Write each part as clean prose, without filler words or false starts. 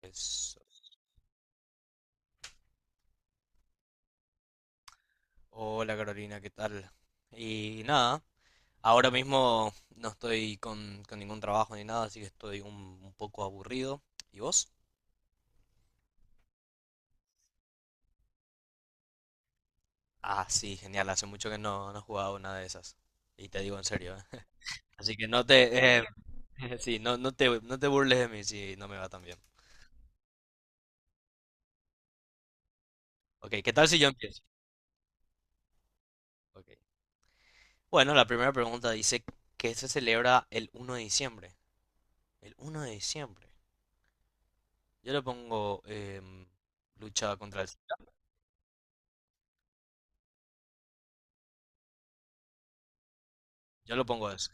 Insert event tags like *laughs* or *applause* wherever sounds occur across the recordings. Pues, hola Carolina, ¿qué tal? Y nada, ahora mismo no estoy con ningún trabajo ni nada, así que estoy un poco aburrido. ¿Y vos? Ah, sí, genial, hace mucho que no he jugado una de esas. Y te digo en serio, ¿eh? *laughs* Así que no te... *laughs* sí, no, no te burles de mí si no me va tan bien. Ok, ¿qué tal si yo empiezo? Ok. Bueno, la primera pregunta dice que se celebra el uno de diciembre. El uno de diciembre. Yo le pongo lucha contra el SIDA. Yo lo pongo eso.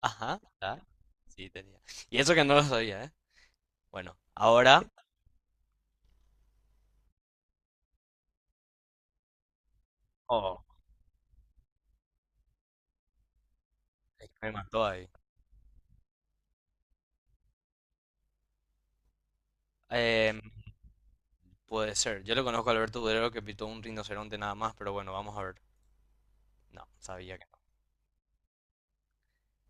Ajá, ya. Sí, tenía. Y eso que no lo sabía, ¿eh? Bueno, ahora. Oh, es que me mató ahí. Em, Puede ser. Yo le conozco a Alberto Durero que pitó un rinoceronte nada más, pero bueno, vamos a ver. No, sabía que no.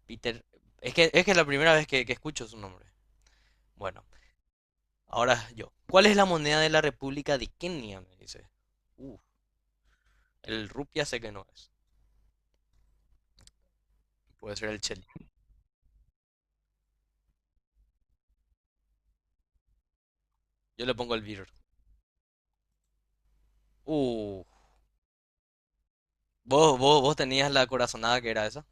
Peter. Es que es la primera vez que escucho su nombre. Bueno, ahora yo. ¿Cuál es la moneda de la República de Kenia? Me dice. Uh, el rupia sé que no es. Puede ser el chel. Yo le pongo el birr. Uh, ¿vos tenías la corazonada que era esa?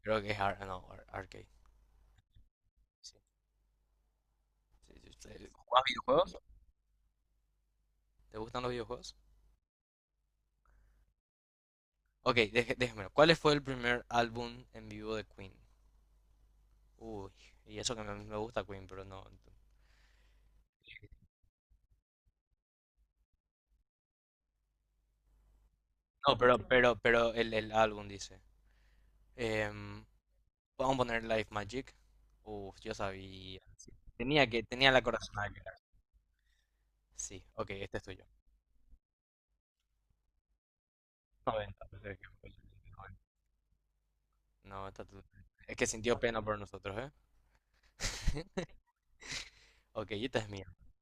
Creo que es ar- no, ar- arcade. Sí. Sí, sí, sí. ¿Jugás videojuegos? ¿Te gustan los videojuegos? Ok, déjemelo. ¿Cuál fue el primer álbum en vivo de Queen? Uy, y eso que me gusta Queen, pero no. No, pero el álbum dice. Em, vamos a poner Life Magic. Uf, yo sabía. Sí, tenía la corazonada que era. Sí, ok, este es tuyo. 90, pues, es que... No, esta tu... Es que sintió pena por nosotros, ¿eh? *laughs* Ok, esta es mía. *laughs*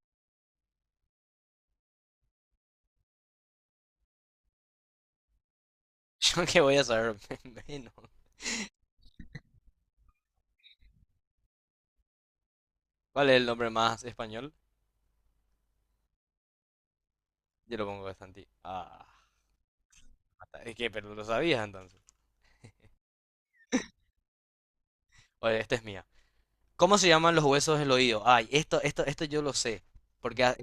Yo que voy a saber *laughs* menos. ¿Cuál es el nombre más español? Yo lo pongo bastante. Ah, es que, pero lo sabías entonces. Oye, esta es mía. ¿Cómo se llaman los huesos del oído? Ay, esto yo lo sé. Porque a-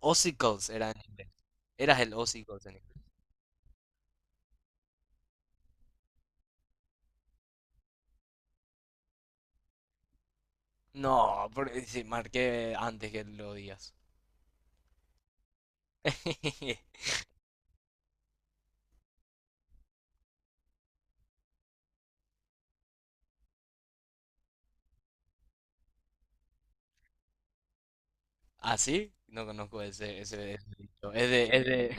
ossicles era en inglés. Eras el ossicles en inglés. No, porque sí, marqué antes que lo digas. *laughs* ¿Así? No conozco ese dicho. Es de...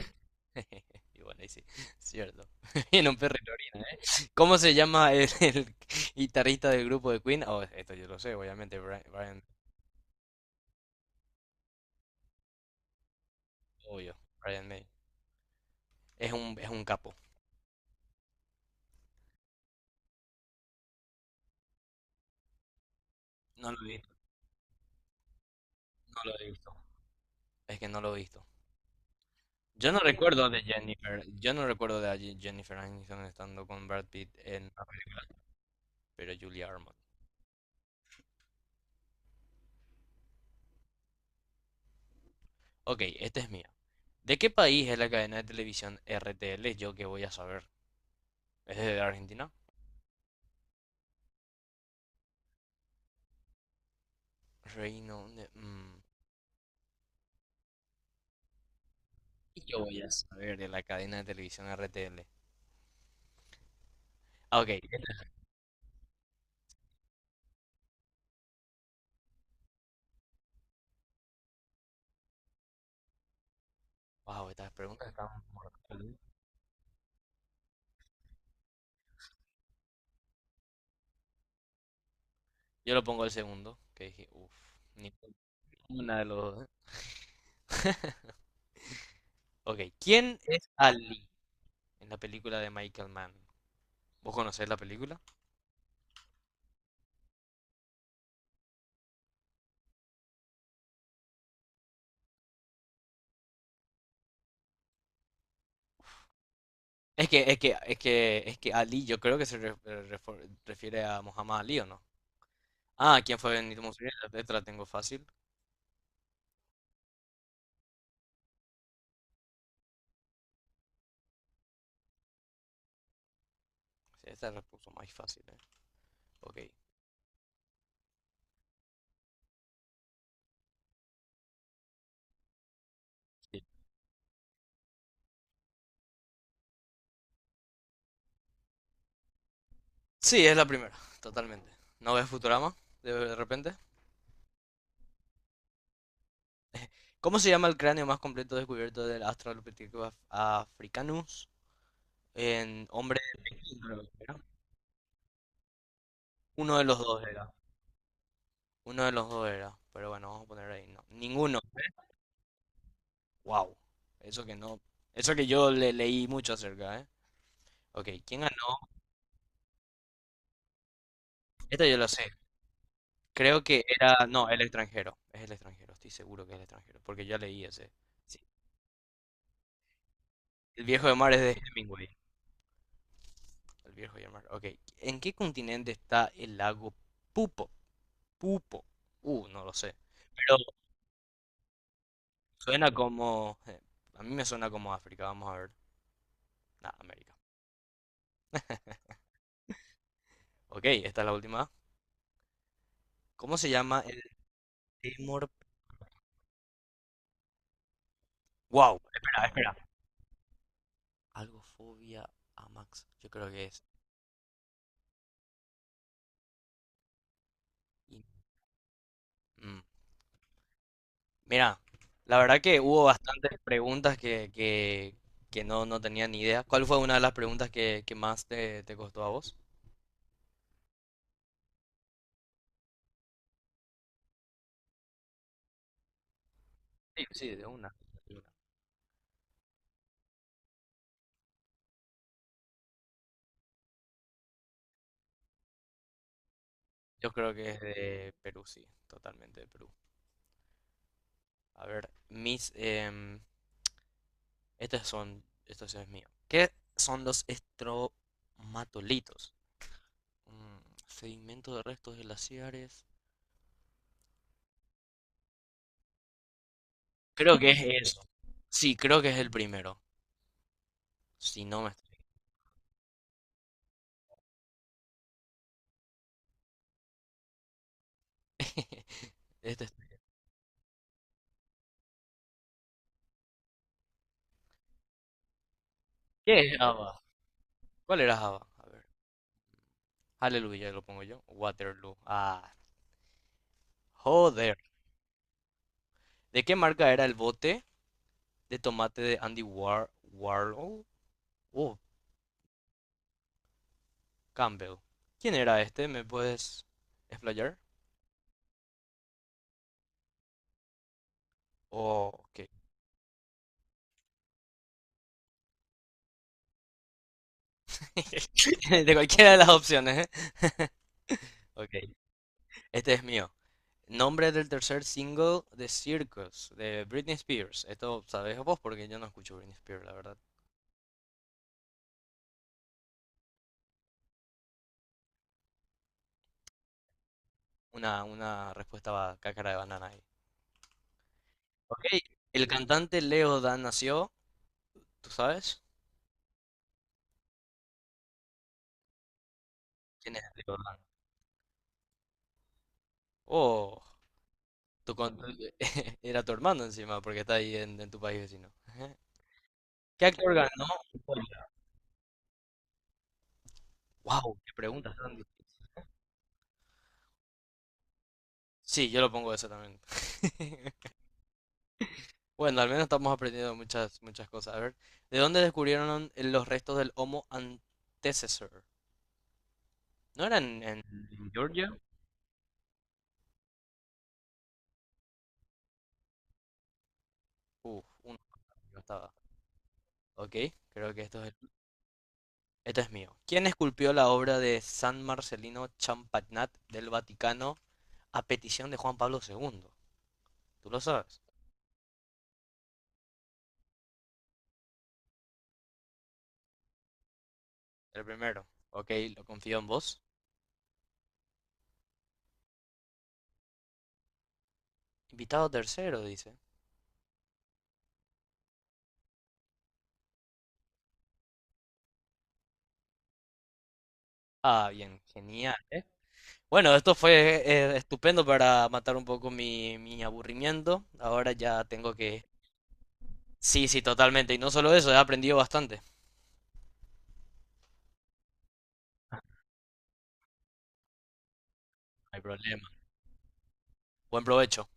*laughs* Y bueno, ahí sí, cierto. *laughs* En un perro y orina, ¿eh? ¿Cómo se llama el guitarrista del grupo de Queen? Oh, esto yo lo sé, obviamente, obvio, Brian May. Es es un capo. No lo he visto, no lo he visto. Es que no lo he visto. Yo no recuerdo de Jennifer. Yo no recuerdo Jennifer Aniston estando con Brad Pitt en. Pero Julia Ormond. Ok, esta es mía. ¿De qué país es la cadena de televisión RTL? Yo que voy a saber. ¿Es de Argentina? Reino de... ¿y yo voy a saber de la cadena de televisión RTL? Ah, ok. Wow, estas preguntas están mortales. Yo lo pongo el segundo, que dije, uff, ni una de los dos. *laughs* Ok, ¿quién es Ali? En la película de Michael Mann. ¿Vos conocés la película? Es que Ali, yo creo que se refiere a Muhammad Ali, ¿o no? Ah, ¿quién fue Benito Mussolini? Esta la tengo fácil. Sí, esta la puso más fácil, eh. Ok. Sí. Sí, es la primera, totalmente. ¿No ves Futurama? De repente. ¿Cómo se llama el cráneo más completo descubierto del Australopithecus africanus? En hombre de Pekín, creo que era. Uno de los dos era. Uno de los dos era. Pero bueno, vamos a poner ahí. No. Ninguno. Wow. Eso que no. Eso que yo le leí mucho acerca, ¿eh? Ok, ¿quién ganó? Esta yo la sé. Creo que era. No, el extranjero. Es el extranjero, estoy seguro que es el extranjero. Porque ya leí ese. Sí. El viejo de mar es de Hemingway. El viejo de mar. Ok. ¿En qué continente está el lago Pupo? Pupo. No lo sé. Pero suena como. A mí me suena como África. Vamos a ver. Nah, América. Ok, esta es la última. ¿Cómo se llama el Timor? Wow. Espera, espera. Algo fobia a Max. Yo creo que es. Y- mm, Mira, la verdad que hubo bastantes preguntas que no, no tenía ni idea. ¿Cuál fue una de las preguntas que más te costó a vos? Sí, sí, de una. De una. Yo creo que es de Perú, sí, totalmente de Perú. A ver, mis... estos son... Esto sí es mío. ¿Qué son los estromatolitos? Mm, sedimento de restos glaciares. Creo que es eso. Sí, creo que es el primero. Si no me estoy... *laughs* Este es... ¿Qué es Java? ¿Cuál era Java? A ver. Aleluya, lo pongo yo. Waterloo. Ah, joder. ¿De qué marca era el bote de tomate de Andy Warhol? Oh, Campbell. ¿Quién era este? ¿Me puedes explayar? Oh, ok. *laughs* De cualquiera de las opciones, ¿eh? *laughs* Ok, este es mío. Nombre del tercer single de Circus, de Britney Spears. Esto sabes vos porque yo no escucho Britney Spears, la verdad. Una respuesta cáscara de banana ahí. Ok, el cantante Leo Dan nació, ¿tú sabes? ¿Quién es Leo Dan? Oh, tu con- tu- *laughs* era tu hermano encima, porque está ahí en tu país vecino. *laughs* Ajá. ¿Qué actor ganó? Wow, qué preguntas tan difíciles. Sí, yo lo pongo eso también. *laughs* Bueno, al menos estamos aprendiendo muchas cosas. A ver, ¿de dónde descubrieron los restos del Homo antecessor? ¿No eran en Georgia? Uf, uno que no estaba. Ok, creo que esto es. Este es mío. ¿Quién esculpió la obra de San Marcelino Champagnat del Vaticano a petición de Juan Pablo II? Tú lo sabes. El primero. Ok, lo confío en vos. Invitado tercero, dice. Ah, bien, genial, ¿eh? Bueno, esto fue estupendo para matar un poco mi aburrimiento. Ahora ya tengo que... Sí, sí, totalmente. Y no solo eso, he aprendido bastante. No hay problema. Buen provecho.